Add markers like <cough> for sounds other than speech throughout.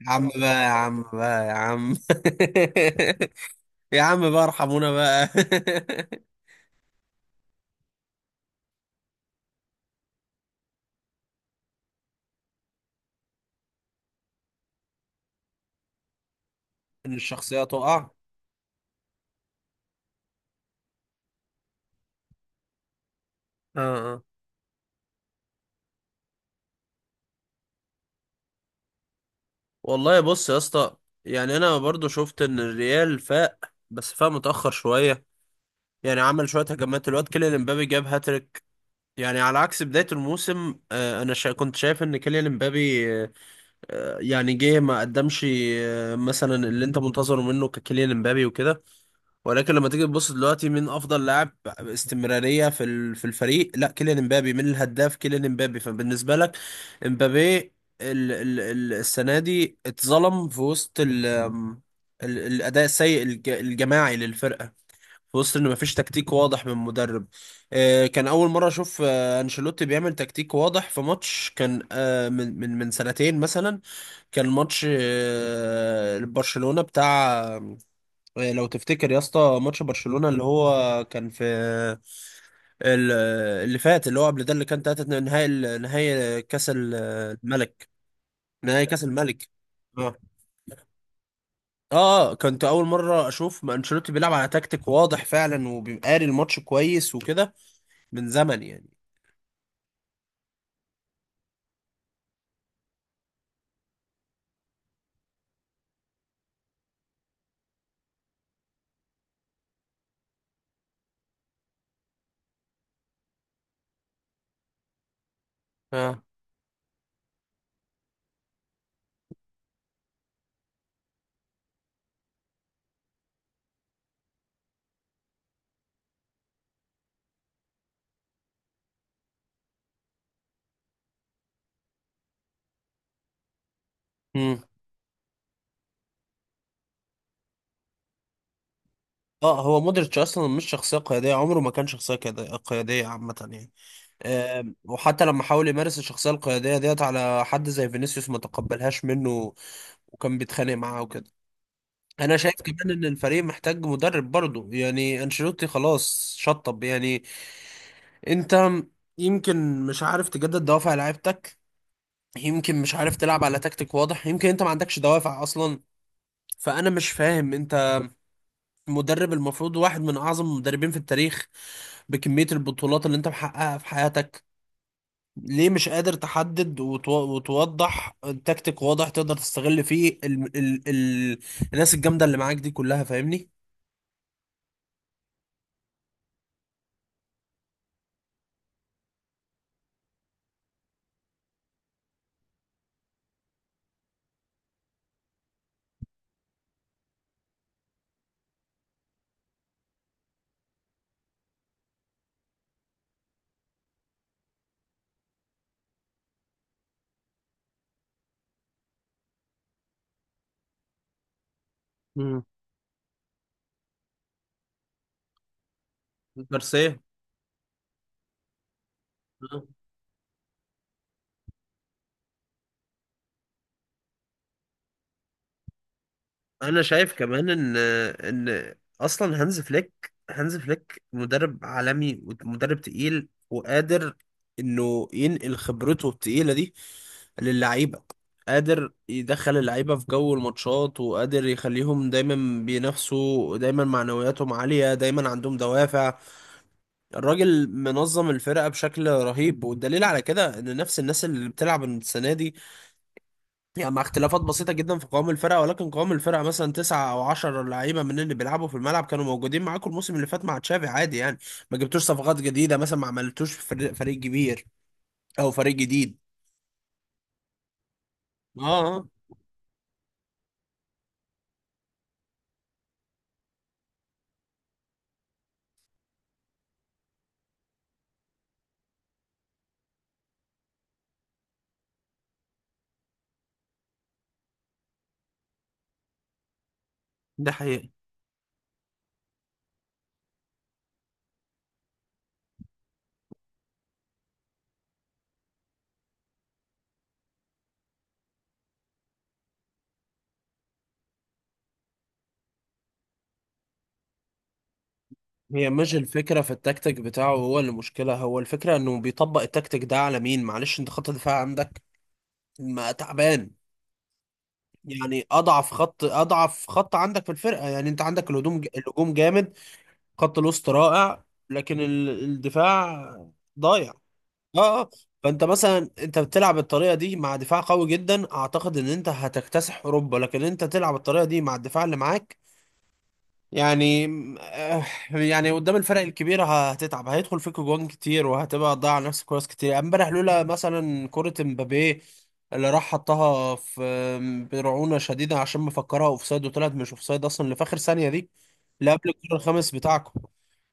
يا عم بقى، يا عم بقى، يا عم. <laughs> يا عم بقى، ارحمونا بقى. <laughs> ان الشخصية تقع. اه، اه. والله بص يا اسطى، يعني انا برضو شفت ان الريال فاق، بس فاق متاخر شويه. يعني عمل شويه هجمات، الواد كيليان امبابي جاب هاتريك. يعني على عكس بدايه الموسم، انا كنت شايف ان كيليان امبابي، يعني جه ما قدمش مثلا اللي انت منتظره منه ككيليان امبابي وكده. ولكن لما تيجي تبص دلوقتي مين افضل لاعب استمراريه في في الفريق؟ لا، كيليان امبابي. مين الهداف؟ كيليان امبابي. فبالنسبه لك امبابي ال ال ال السنه دي اتظلم في وسط ال ال الاداء السيء الجماعي للفرقه، في وسط ان مفيش تكتيك واضح من مدرب. كان اول مره اشوف انشيلوتي بيعمل تكتيك واضح في ماتش، كان من سنتين مثلا. كان ماتش برشلونه بتاع، لو تفتكر يا اسطى ماتش برشلونة اللي هو كان في ال- اللي فات، اللي هو قبل ده، اللي كان 3 نهائي نهائي كاس الملك. نهائي كاس الملك، اه. اه، كنت اول مره اشوف ما انشيلوتي بيلعب على تكتيك واضح فعلا، وبيبقى قاري الماتش كويس وكده، من زمن يعني. اه. امم. اه، هو مودريتش اصلا مش شخصيه قياديه، عمره ما كان شخصيه قياديه قيادية عامه يعني. آه، وحتى لما حاول يمارس الشخصيه القياديه ديت على حد زي فينيسيوس، ما تقبلهاش منه، وكان بيتخانق معاه وكده. انا شايف كمان ان الفريق محتاج مدرب برضه. يعني انشيلوتي خلاص شطب يعني. انت يمكن مش عارف تجدد دوافع لعيبتك، يمكن مش عارف تلعب على تكتيك واضح، يمكن انت ما عندكش دوافع اصلا. فانا مش فاهم، انت مدرب المفروض واحد من اعظم المدربين في التاريخ، بكمية البطولات اللي انت محققها في حياتك، ليه مش قادر تحدد وتوضح تكتيك واضح تقدر تستغل فيه ال ال ال الناس الجامدة اللي معاك دي كلها؟ فاهمني. جارسيا. آه. انا شايف كمان ان اصلا هانز فليك مدرب عالمي ومدرب تقيل، وقادر انه ينقل خبرته التقيله دي للعيبه، قادر يدخل اللعيبه في جو الماتشات، وقادر يخليهم دايما بينافسوا، دايما معنوياتهم عاليه، دايما عندهم دوافع. الراجل منظم الفرقه بشكل رهيب، والدليل على كده ان نفس الناس اللي بتلعب السنه دي، يعني مع اختلافات بسيطة جدا في قوام الفرقة، ولكن قوام الفرقة مثلا 9 أو 10 لعيبة من اللي بيلعبوا في الملعب كانوا موجودين معاكم الموسم اللي فات مع تشافي عادي يعني. ما جبتوش صفقات جديدة، مثلا ما عملتوش فريق كبير أو فريق جديد. اه. آه. ده حقيقي. هي مش الفكرة في التكتيك بتاعه هو اللي مشكلة، هو الفكرة إنه بيطبق التكتيك ده على مين. معلش، أنت خط الدفاع عندك ما تعبان، يعني أضعف خط عندك في الفرقة. يعني أنت عندك الهجوم، الهجوم جامد، خط الوسط رائع، لكن الدفاع ضايع. اه، اه. فانت مثلا انت بتلعب الطريقه دي مع دفاع قوي جدا، اعتقد ان انت هتكتسح اوروبا. لكن انت تلعب الطريقه دي مع الدفاع اللي معاك، يعني آه، يعني قدام الفرق الكبيره هتتعب، هيدخل فيك جوان كتير، وهتبقى تضيع نفسك كويس كتير. امبارح لولا مثلا كره امبابيه اللي راح حطها في برعونه شديده عشان مفكرها اوفسايد وطلعت مش اوفسايد اصلا، اللي في اخر ثانيه دي، اللي قبل الكره الخامس بتاعكم.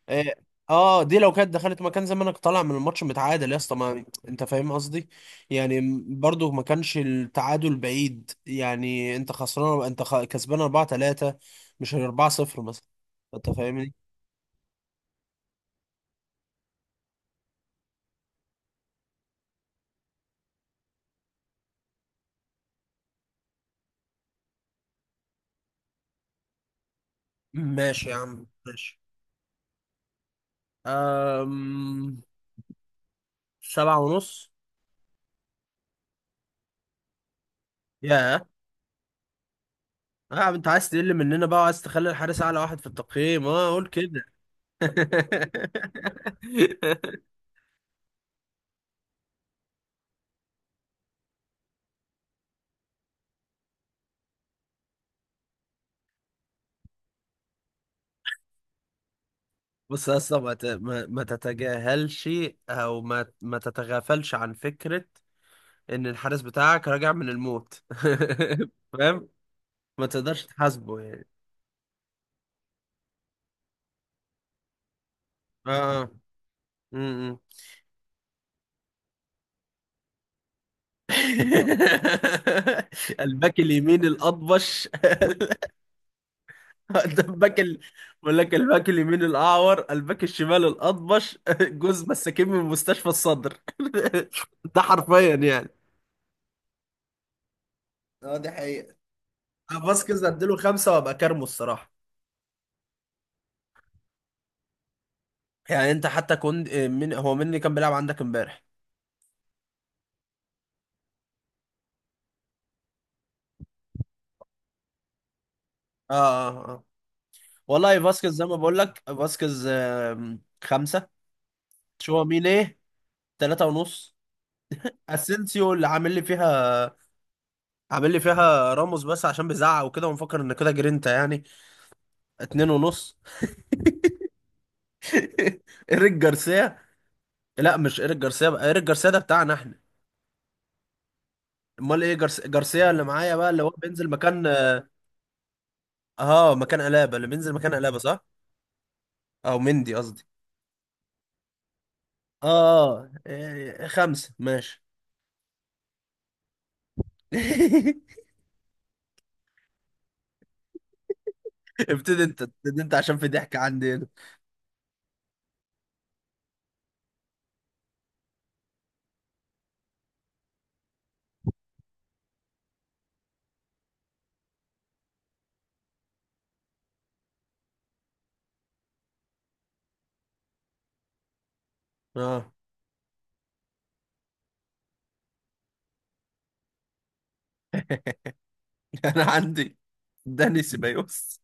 اه. آه، دي لو كانت دخلت مكان، زمانك طالع من الماتش متعادل يا اسطى. ما انت فاهم قصدي، يعني برضو ما كانش التعادل بعيد. يعني انت خسران، انت كسبان 4-3، مش 4-0 مثلا. انت فاهمني. ماشي يا عم، ماشي. أم... 7.5. يا. آه، انت عايز تقل مننا بقى، وعايز تخلي الحارس اعلى واحد في التقييم؟ اه قول كده. <laughs> بص يا اسطى، ما تتجاهلش او ما تتغافلش عن فكره ان الحارس بتاعك راجع من الموت. <laughs> فاهم؟ ما تقدرش تحاسبه يعني. اه. امم. <laughs> الباك اليمين الاطبش. <laughs> ده الباك بقول لك الباك اليمين الاعور، الباك الشمال الاطبش، <laughs> جوز مساكين من مستشفى الصدر. <laughs> ده حرفيا يعني. اه، دي حقيقة. فاسكيز اديله خمسه وابقى كارمه الصراحه. يعني انت حتى كنت، من هو مين اللي كان بيلعب عندك امبارح؟ اه، اه، اه. والله فاسكيز زي ما بقول لك، فاسكيز 5. شو مين ايه، 3.5. اسينسيو اللي عامل لي فيها، عامل لي فيها راموس بس عشان بيزعق وكده، ونفكر ان كده جرينتا يعني، 2.5. <laughs> ايريك جارسيا. لا مش ايريك جارسيا بقى، ايريك جارسيا ده بتاعنا احنا. امال ايه جارسيا اللي معايا بقى، اللي هو بينزل مكان. اه، مكان الابا، اللي بينزل مكان الابا. صح، او مندي قصدي. اه، آه، إيه، 5 ماشي. <laughs> ابتدي انت، ابتدي انت عشان في ضحك عندي هنا. اه. <laughs> انا عندي داني سيبايوس.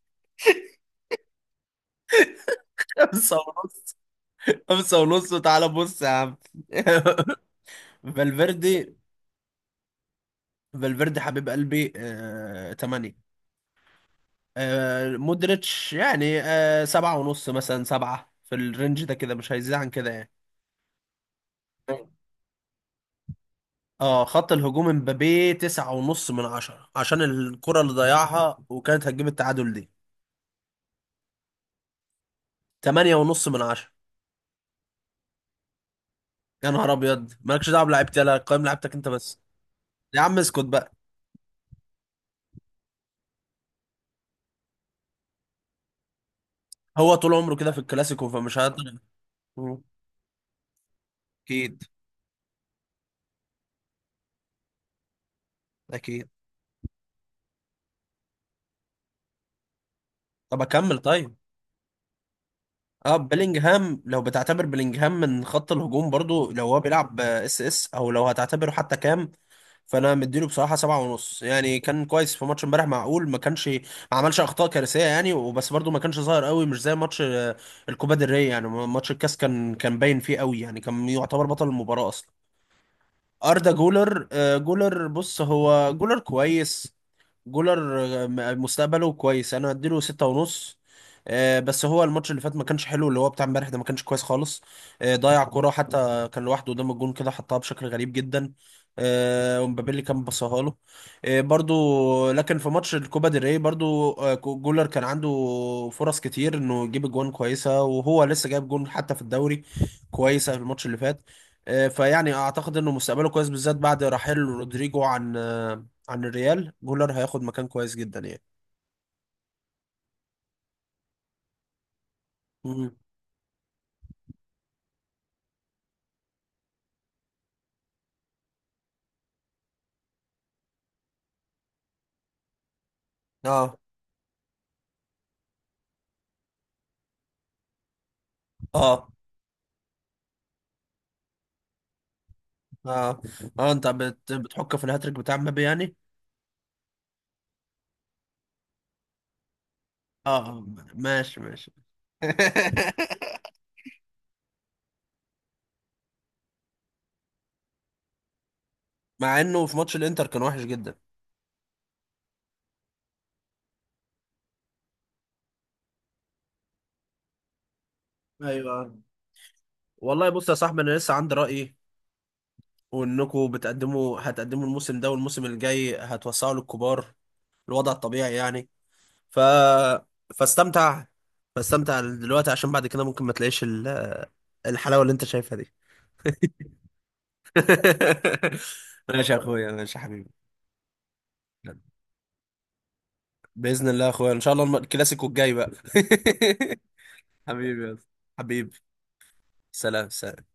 <laughs> 5.5. وتعالى بص يا عم. <laughs> فالفيردي. فالفيردي حبيب قلبي، 8. مودريتش يعني، 7.5 مثلا، 7 في الرينج ده كده، مش هيزيد عن كده يعني. <laughs> اه، خط الهجوم، امبابي 9.5 من 10 عشان الكرة اللي ضيعها وكانت هتجيب التعادل دي. 8.5 من 10. يا نهار ابيض، مالكش دعوه بلعيبتي، انا قيم لعيبتك انت بس. يا عم اسكت بقى. هو طول عمره كده في الكلاسيكو، فمش هقدر. اكيد. اكيد. طب اكمل طيب. اه، بيلينجهام، لو بتعتبر بيلينجهام من خط الهجوم برضو، لو هو بيلعب اس اس، او لو هتعتبره حتى، كام؟ فانا مديله بصراحه 7.5 يعني. كان كويس في ماتش امبارح، معقول، ما كانش ما عملش اخطاء كارثيه يعني وبس، برضو ما كانش ظاهر قوي، مش زي ماتش الكوبا ديل ري يعني، ماتش الكاس كان كان باين فيه قوي يعني، كان يعتبر بطل المباراه اصلا. اردا جولر، جولر بص هو جولر كويس، جولر مستقبله كويس، انا اديله 6.5. بس هو الماتش اللي فات ما كانش حلو، اللي هو بتاع امبارح ده ما كانش كويس خالص. ضيع كرة حتى كان لوحده قدام الجون كده، حطها بشكل غريب جدا. ومبابي كان بصاها له. برضو لكن في ماتش الكوبا ديل ري برضو، جولر كان عنده فرص كتير انه يجيب جوان كويسة، وهو لسه جايب جون حتى في الدوري كويسة في الماتش اللي فات. فيعني اعتقد انه مستقبله كويس بالذات بعد رحيل رودريجو عن، عن الريال. جولر هياخد مكان كويس جدا يعني. مم. اه، اه. اه، اه، انت بتحك في الهاتريك بتاع مبابي يعني؟ اه، آه، ماشي ماشي. <laughs> مع انه في ماتش الانتر كان وحش جدا. ايوه. والله بص يا صاحبي، انا لسه عندي رأيي، وانكم بتقدموا، هتقدموا الموسم ده، والموسم الجاي هتوسعوا للكبار، الوضع الطبيعي يعني. ف، فاستمتع، فاستمتع دلوقتي عشان بعد كده ممكن ما تلاقيش الحلاوة اللي انت شايفها دي. <laughs> ماشي يا اخويا، ماشي يا حبيبي. بإذن الله يا اخويا، ان شاء الله الكلاسيكو الجاي بقى. <laughs> حبيبي يا أسطى. حبيبي. سلام، سلام.